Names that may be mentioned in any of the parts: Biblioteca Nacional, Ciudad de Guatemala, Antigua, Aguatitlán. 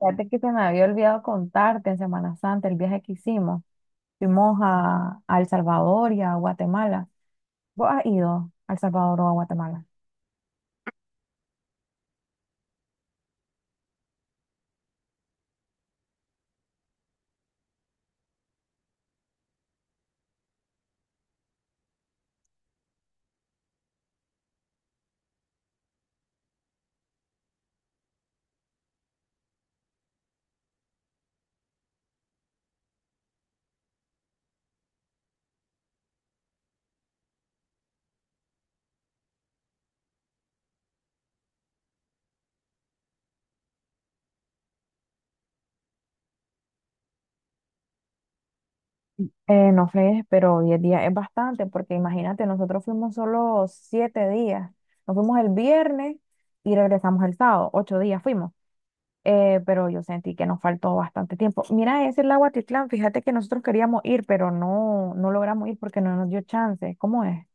Fíjate que se me había olvidado contarte en Semana Santa el viaje que hicimos. Fuimos a El Salvador y a Guatemala. ¿Vos has ido a El Salvador o a Guatemala? No sé, pero 10 días es bastante, porque imagínate, nosotros fuimos solo 7 días. Nos fuimos el viernes y regresamos el sábado, 8 días fuimos. Pero yo sentí que nos faltó bastante tiempo. Mira, ese es el Aguatitlán, fíjate que nosotros queríamos ir, pero no logramos ir porque no nos dio chance. ¿Cómo es?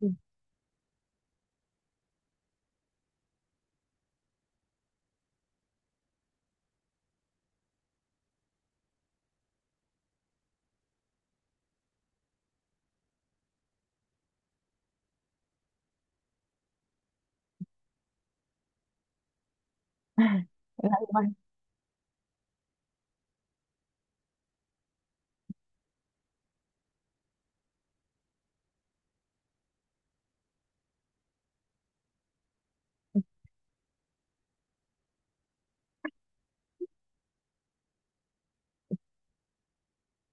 Sí. Es la misma.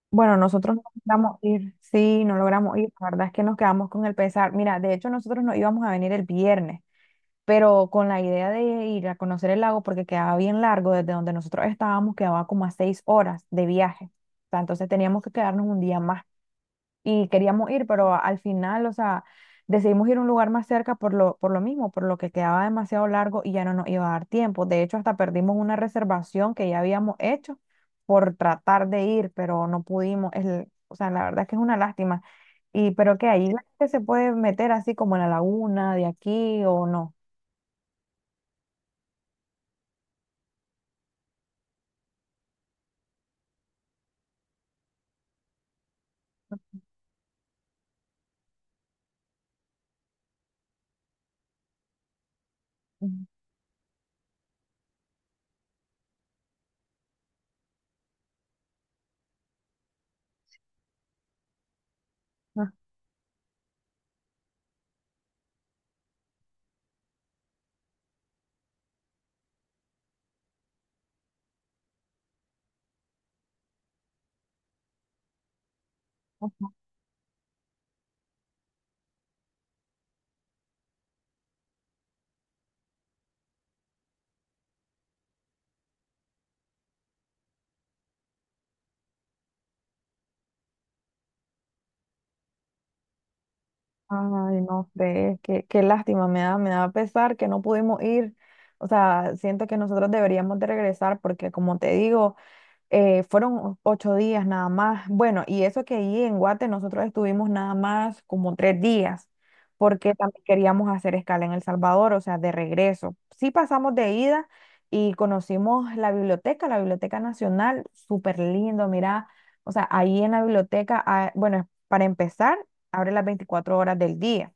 Bueno, nosotros no logramos ir, sí, no logramos ir, la verdad es que nos quedamos con el pesar. Mira, de hecho nosotros no íbamos a venir el viernes, pero con la idea de ir a conocer el lago, porque quedaba bien largo, desde donde nosotros estábamos quedaba como a 6 horas de viaje. O sea, entonces teníamos que quedarnos un día más y queríamos ir, pero al final, o sea, decidimos ir a un lugar más cerca por lo mismo, por lo que quedaba demasiado largo y ya no nos iba a dar tiempo. De hecho, hasta perdimos una reservación que ya habíamos hecho por tratar de ir, pero no pudimos. O sea, la verdad es que es una lástima. Y, pero que ahí la gente se puede meter así como en la laguna de aquí o no. Mm, ah, ay, no sé, qué, qué lástima, me da pesar que no pudimos ir. O sea, siento que nosotros deberíamos de regresar porque como te digo, fueron 8 días nada más. Bueno, y eso que ahí en Guate nosotros estuvimos nada más como 3 días, porque también queríamos hacer escala en El Salvador, o sea, de regreso. Sí pasamos de ida y conocimos la Biblioteca Nacional, súper lindo, mira, o sea, ahí en la biblioteca, ah, bueno, para empezar, abre las 24 horas del día.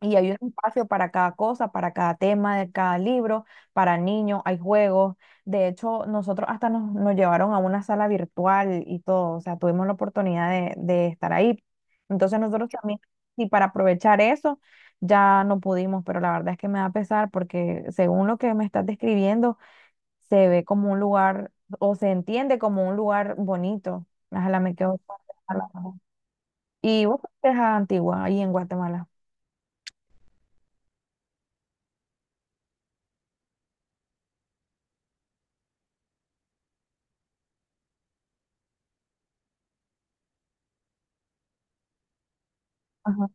Y hay un espacio para cada cosa, para cada tema de cada libro, para niños, hay juegos. De hecho, nosotros hasta nos llevaron a una sala virtual y todo, o sea, tuvimos la oportunidad de estar ahí. Entonces nosotros también, y para aprovechar eso, ya no pudimos, pero la verdad es que me da pesar porque según lo que me estás describiendo, se ve como un lugar, o se entiende como un lugar bonito. Ojalá me quedo con la- y vos, ¿qué es Antigua, ahí en Guatemala? Ajá.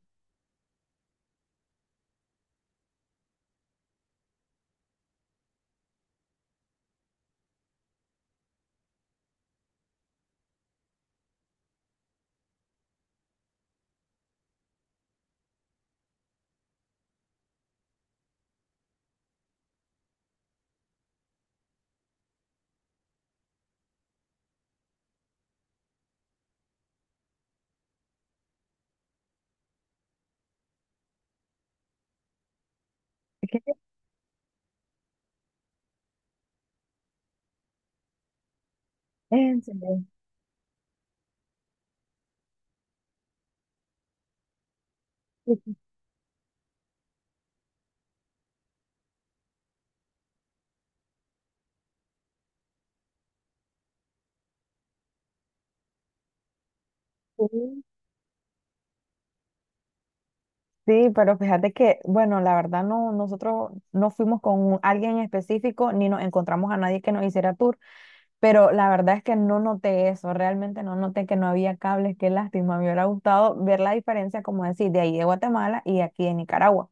Es que, en serio. Sí, sí, sí, pero fíjate que, bueno, la verdad no, nosotros no fuimos con alguien en específico ni nos encontramos a nadie que nos hiciera tour, pero la verdad es que no noté eso, realmente no noté que no había cables, qué lástima, me hubiera gustado ver la diferencia, como decir, de ahí de Guatemala y aquí de Nicaragua.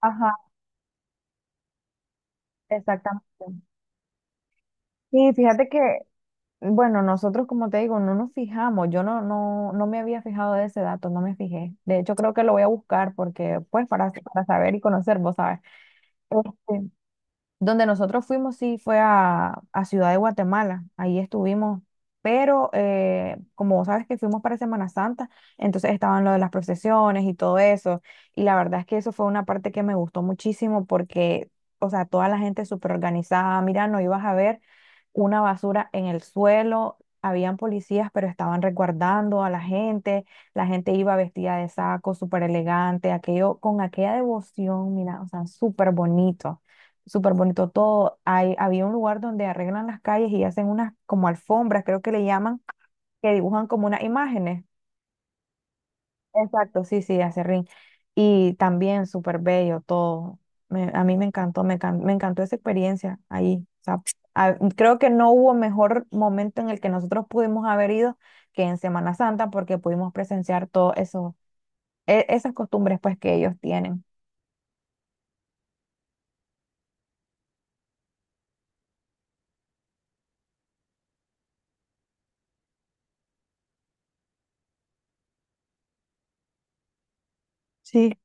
Ajá, exactamente. Sí, fíjate que, bueno, nosotros como te digo, no nos fijamos, yo no, no me había fijado de ese dato, no me fijé. De hecho, creo que lo voy a buscar porque, pues, para saber y conocer, vos sabes. Este, donde nosotros fuimos, sí, fue a Ciudad de Guatemala, ahí estuvimos, pero como vos sabes que fuimos para Semana Santa, entonces estaban lo de las procesiones y todo eso, y la verdad es que eso fue una parte que me gustó muchísimo porque, o sea, toda la gente súper organizada, mira, no ibas a ver una basura en el suelo, habían policías, pero estaban resguardando a la gente iba vestida de saco, súper elegante, aquello, con aquella devoción, mira, o sea, súper bonito todo. Había un lugar donde arreglan las calles y hacen unas como alfombras, creo que le llaman, que dibujan como unas imágenes. Exacto, sí, sí, hace ring. Y también súper bello todo. A mí me encantó, me, me encantó esa experiencia ahí. O sea, creo que no hubo mejor momento en el que nosotros pudimos haber ido que en Semana Santa porque pudimos presenciar todo eso, esas costumbres pues que ellos tienen. Sí.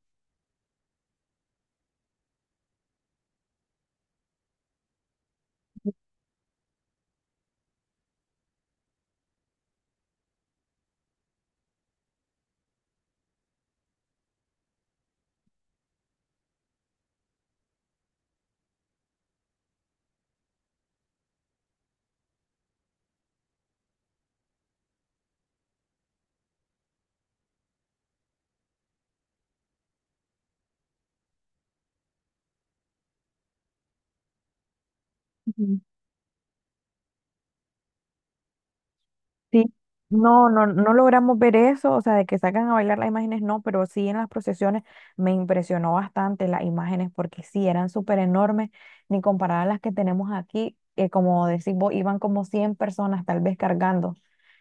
Sí, no logramos ver eso, o sea, de que sacan a bailar las imágenes, no, pero sí en las procesiones me impresionó bastante las imágenes porque sí eran súper enormes, ni comparadas a las que tenemos aquí, como decís vos, iban como 100 personas tal vez cargando,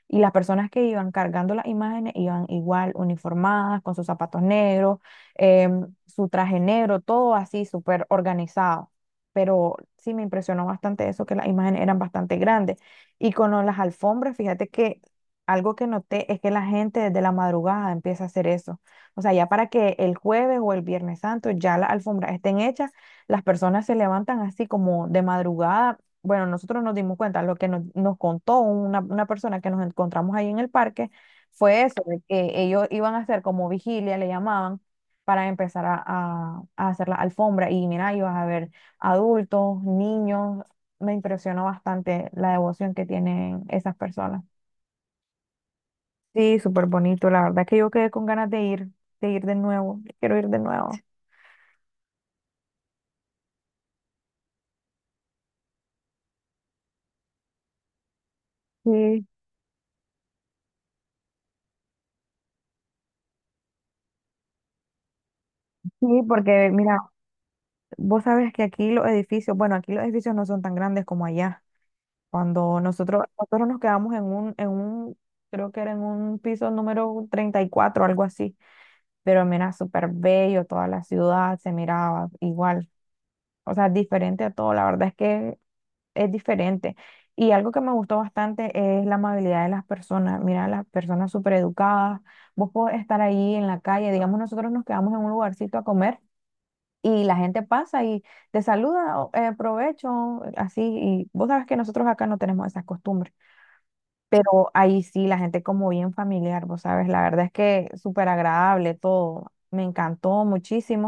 y las personas que iban cargando las imágenes iban igual uniformadas, con sus zapatos negros, su traje negro, todo así súper organizado, pero sí me impresionó bastante eso, que las imágenes eran bastante grandes. Y con las alfombras, fíjate que algo que noté es que la gente desde la madrugada empieza a hacer eso. O sea, ya para que el jueves o el viernes santo ya las alfombras estén hechas, las personas se levantan así como de madrugada. Bueno, nosotros nos dimos cuenta, lo que nos contó una persona que nos encontramos ahí en el parque fue eso, de que ellos iban a hacer como vigilia, le llamaban, para empezar a hacer la alfombra. Y mira, ibas a ver adultos, niños, me impresionó bastante la devoción que tienen esas personas. Sí, súper bonito. La verdad que yo quedé con ganas de ir, de ir de nuevo. Quiero ir de nuevo. Sí, sí, porque mira, vos sabes que aquí los edificios, bueno, aquí los edificios no son tan grandes como allá. Cuando nosotros nos quedamos en en un, creo que era en un piso número 34 algo así. Pero mira, súper bello, toda la ciudad se miraba igual. O sea, diferente a todo. La verdad es que es diferente. Y algo que me gustó bastante es la amabilidad de las personas. Mira, las personas súper educadas. Vos podés estar ahí en la calle, digamos, nosotros nos quedamos en un lugarcito a comer y la gente pasa y te saluda, o, provecho, así. Y vos sabes que nosotros acá no tenemos esas costumbres, pero ahí sí, la gente como bien familiar, vos sabes, la verdad es que súper agradable todo. Me encantó muchísimo.